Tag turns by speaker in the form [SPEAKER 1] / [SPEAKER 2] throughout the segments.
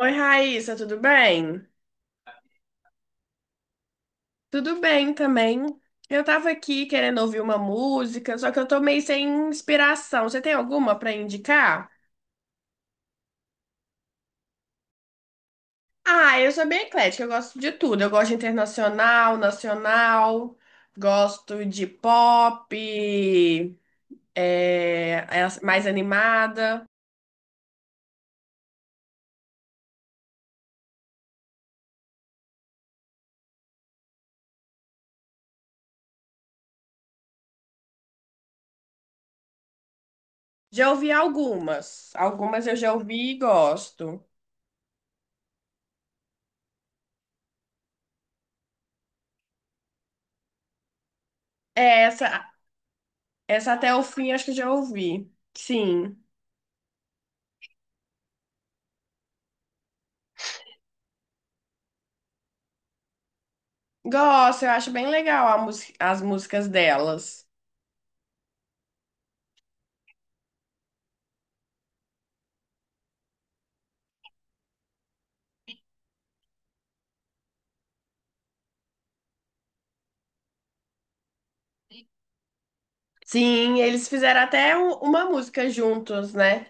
[SPEAKER 1] Oi, Raíssa, tudo bem? Tudo bem também. Eu tava aqui querendo ouvir uma música, só que eu tô meio sem inspiração. Você tem alguma pra indicar? Ah, eu sou bem eclética, eu gosto de tudo. Eu gosto de internacional, nacional, gosto de pop, é mais animada. Já ouvi algumas. Algumas eu já ouvi e gosto. É, essa, essa até o fim acho que eu já ouvi. Sim. Gosto, eu acho bem legal a as músicas delas. Sim, eles fizeram até uma música juntos, né?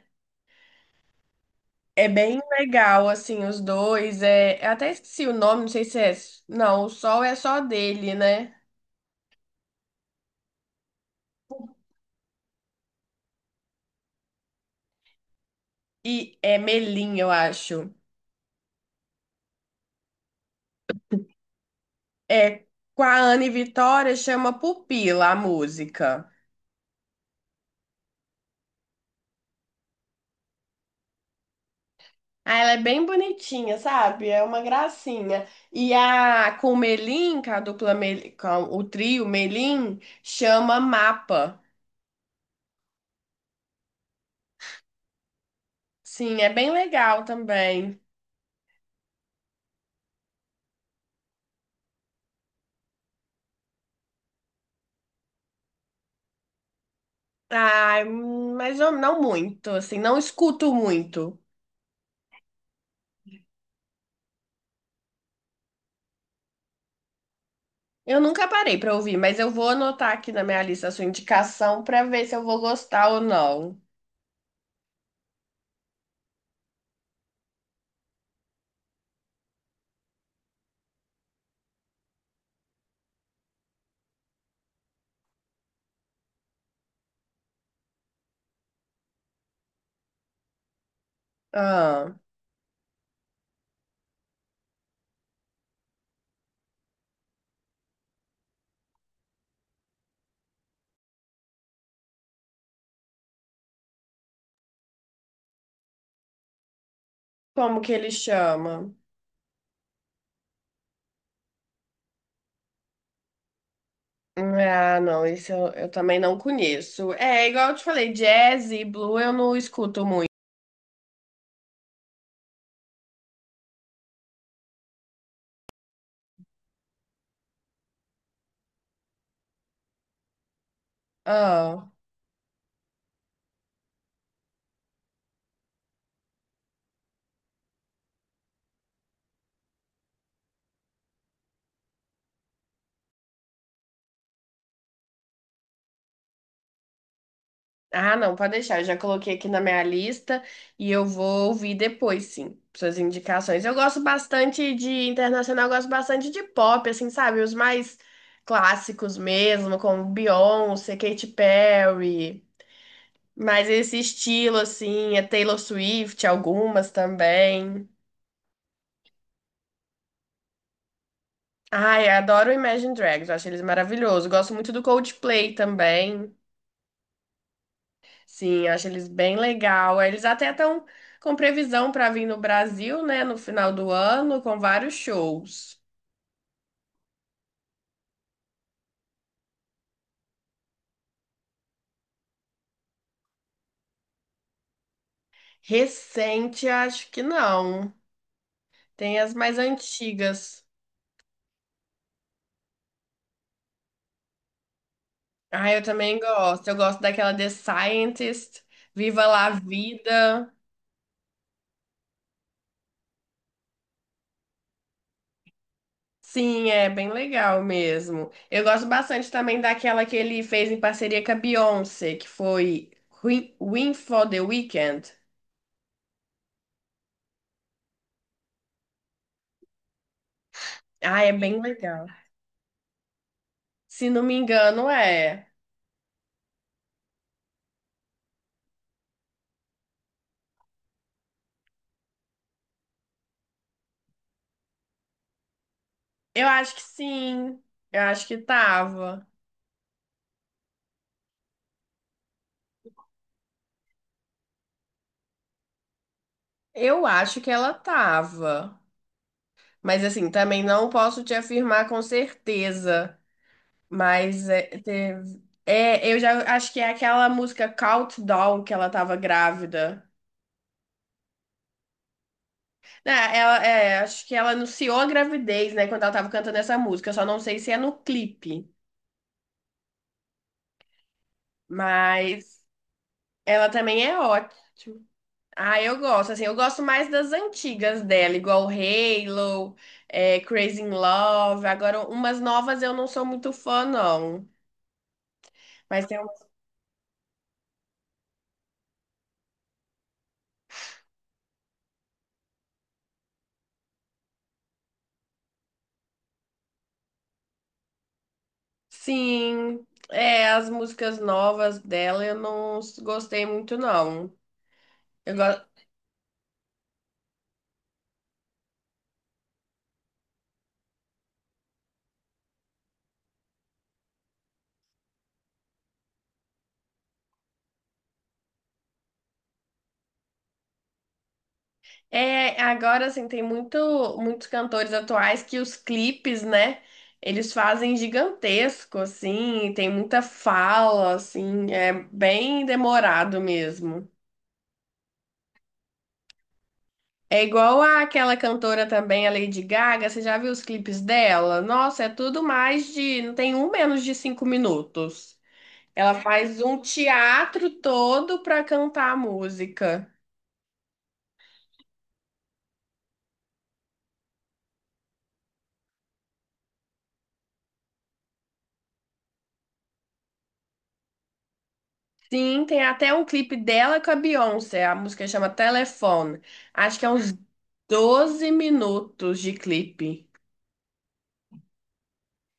[SPEAKER 1] É bem legal, assim, os dois. Eu até esqueci o nome, não sei se é. Não, o Sol é só dele, né? E é Melim, eu acho. É com a Ana e Vitória, chama Pupila a música. Ah, ela é bem bonitinha, sabe? É uma gracinha. E a com o Melim, com a dupla Melim, com o trio Melim, chama Mapa. Sim, é bem legal também. Ai, mas eu não muito, assim, não escuto muito. Eu nunca parei pra ouvir, mas eu vou anotar aqui na minha lista a sua indicação pra ver se eu vou gostar ou não. Ah, como que ele chama? Ah, não, isso eu também não conheço. É, igual eu te falei, jazz e blue eu não escuto muito. Ah. Ah, não, pode deixar. Eu já coloquei aqui na minha lista e eu vou ouvir depois, sim, suas indicações. Eu gosto bastante de internacional, eu gosto bastante de pop, assim, sabe? Os mais clássicos mesmo, como Beyoncé, Katy Perry. Mas esse estilo, assim, é Taylor Swift, algumas também. Ai, eu adoro o Imagine Dragons, eu acho eles maravilhosos. Gosto muito do Coldplay também. Sim, acho eles bem legal. É, eles até estão com previsão para vir no Brasil, né, no final do ano, com vários shows. Recente, acho que não. Tem as mais antigas. Ah, eu também gosto. Eu gosto daquela The Scientist, Viva La Vida. Sim, é bem legal mesmo. Eu gosto bastante também daquela que ele fez em parceria com a Beyoncé, que foi Win Win for the Weekend. Ah, é bem legal. Se não me engano, é. Eu acho que sim. Eu acho que tava. Eu acho que ela tava. Mas assim, também não posso te afirmar com certeza. Mas eu já acho que é aquela música Countdown que ela tava grávida. Né, acho que ela anunciou a gravidez, né, quando ela tava cantando essa música. Eu só não sei se é no clipe. Mas ela também é ótima. Ah, eu gosto, assim, eu gosto mais das antigas dela, igual Halo, Crazy in Love. Agora, umas novas eu não sou muito fã, não. Mas tem umas... Sim, é, as músicas novas dela eu não gostei muito, não. Eu gosto... É, agora, assim, muitos cantores atuais que os clipes, né, eles fazem gigantesco, assim, tem muita fala, assim, é bem demorado mesmo. É igual àquela cantora também, a Lady Gaga, você já viu os clipes dela? Nossa, é tudo mais de, não tem um menos de 5 minutos. Ela faz um teatro todo pra cantar a música. Sim, tem até um clipe dela com a Beyoncé, a música chama Telefone. Acho que é uns 12 minutos de clipe.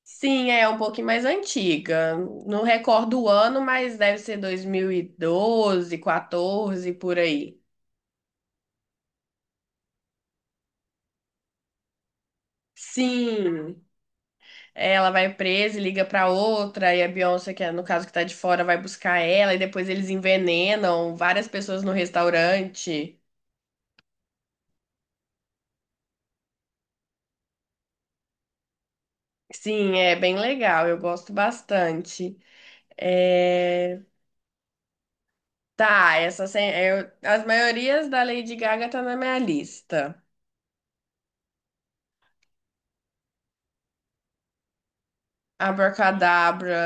[SPEAKER 1] Sim, é um pouquinho mais antiga. Não recordo o ano, mas deve ser 2012, 2014 por aí. Sim. É, ela vai presa e liga pra outra, e a Beyoncé, que é no caso que tá de fora, vai buscar ela, e depois eles envenenam várias pessoas no restaurante. Sim, é bem legal, eu gosto bastante. É, tá, essa sem- eu- as maiorias da Lady Gaga tá na minha lista. Abracadabra.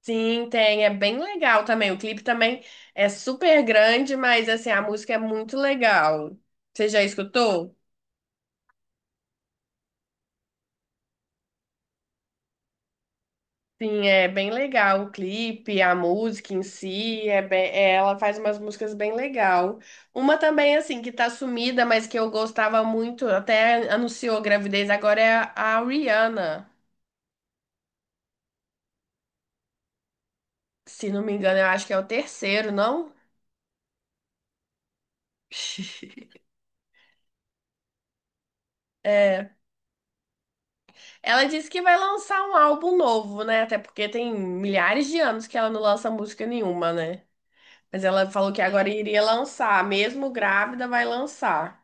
[SPEAKER 1] Sim, tem, é bem legal também. O clipe também é super grande, mas assim, a música é muito legal. Você já escutou? Sim, é bem legal o clipe, a música em si, ela faz umas músicas bem legal. Uma também, assim, que tá sumida, mas que eu gostava muito, até anunciou gravidez, agora é a Rihanna. Se não me engano, eu acho que é o terceiro, não? É. Ela disse que vai lançar um álbum novo, né? Até porque tem milhares de anos que ela não lança música nenhuma, né? Mas ela falou que agora iria lançar, mesmo grávida, vai lançar.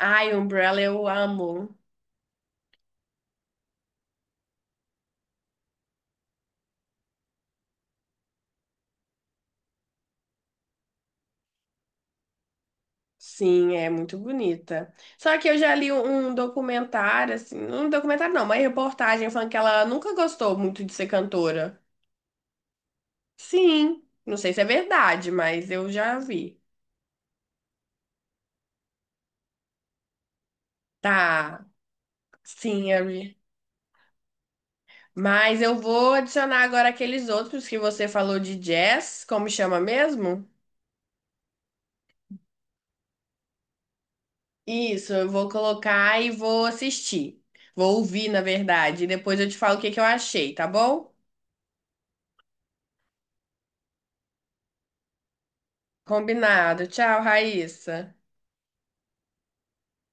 [SPEAKER 1] Ai, Umbrella, eu amo. Sim, é muito bonita. Só que eu já li um documentário, assim, um documentário não, uma reportagem falando que ela nunca gostou muito de ser cantora. Sim, não sei se é verdade, mas eu já vi. Tá, sim, eu vi. Mas eu vou adicionar agora aqueles outros que você falou de jazz, como chama mesmo? Isso, eu vou colocar e vou assistir. Vou ouvir, na verdade, e depois eu te falo o que que eu achei, tá bom? Combinado. Tchau, Raíssa.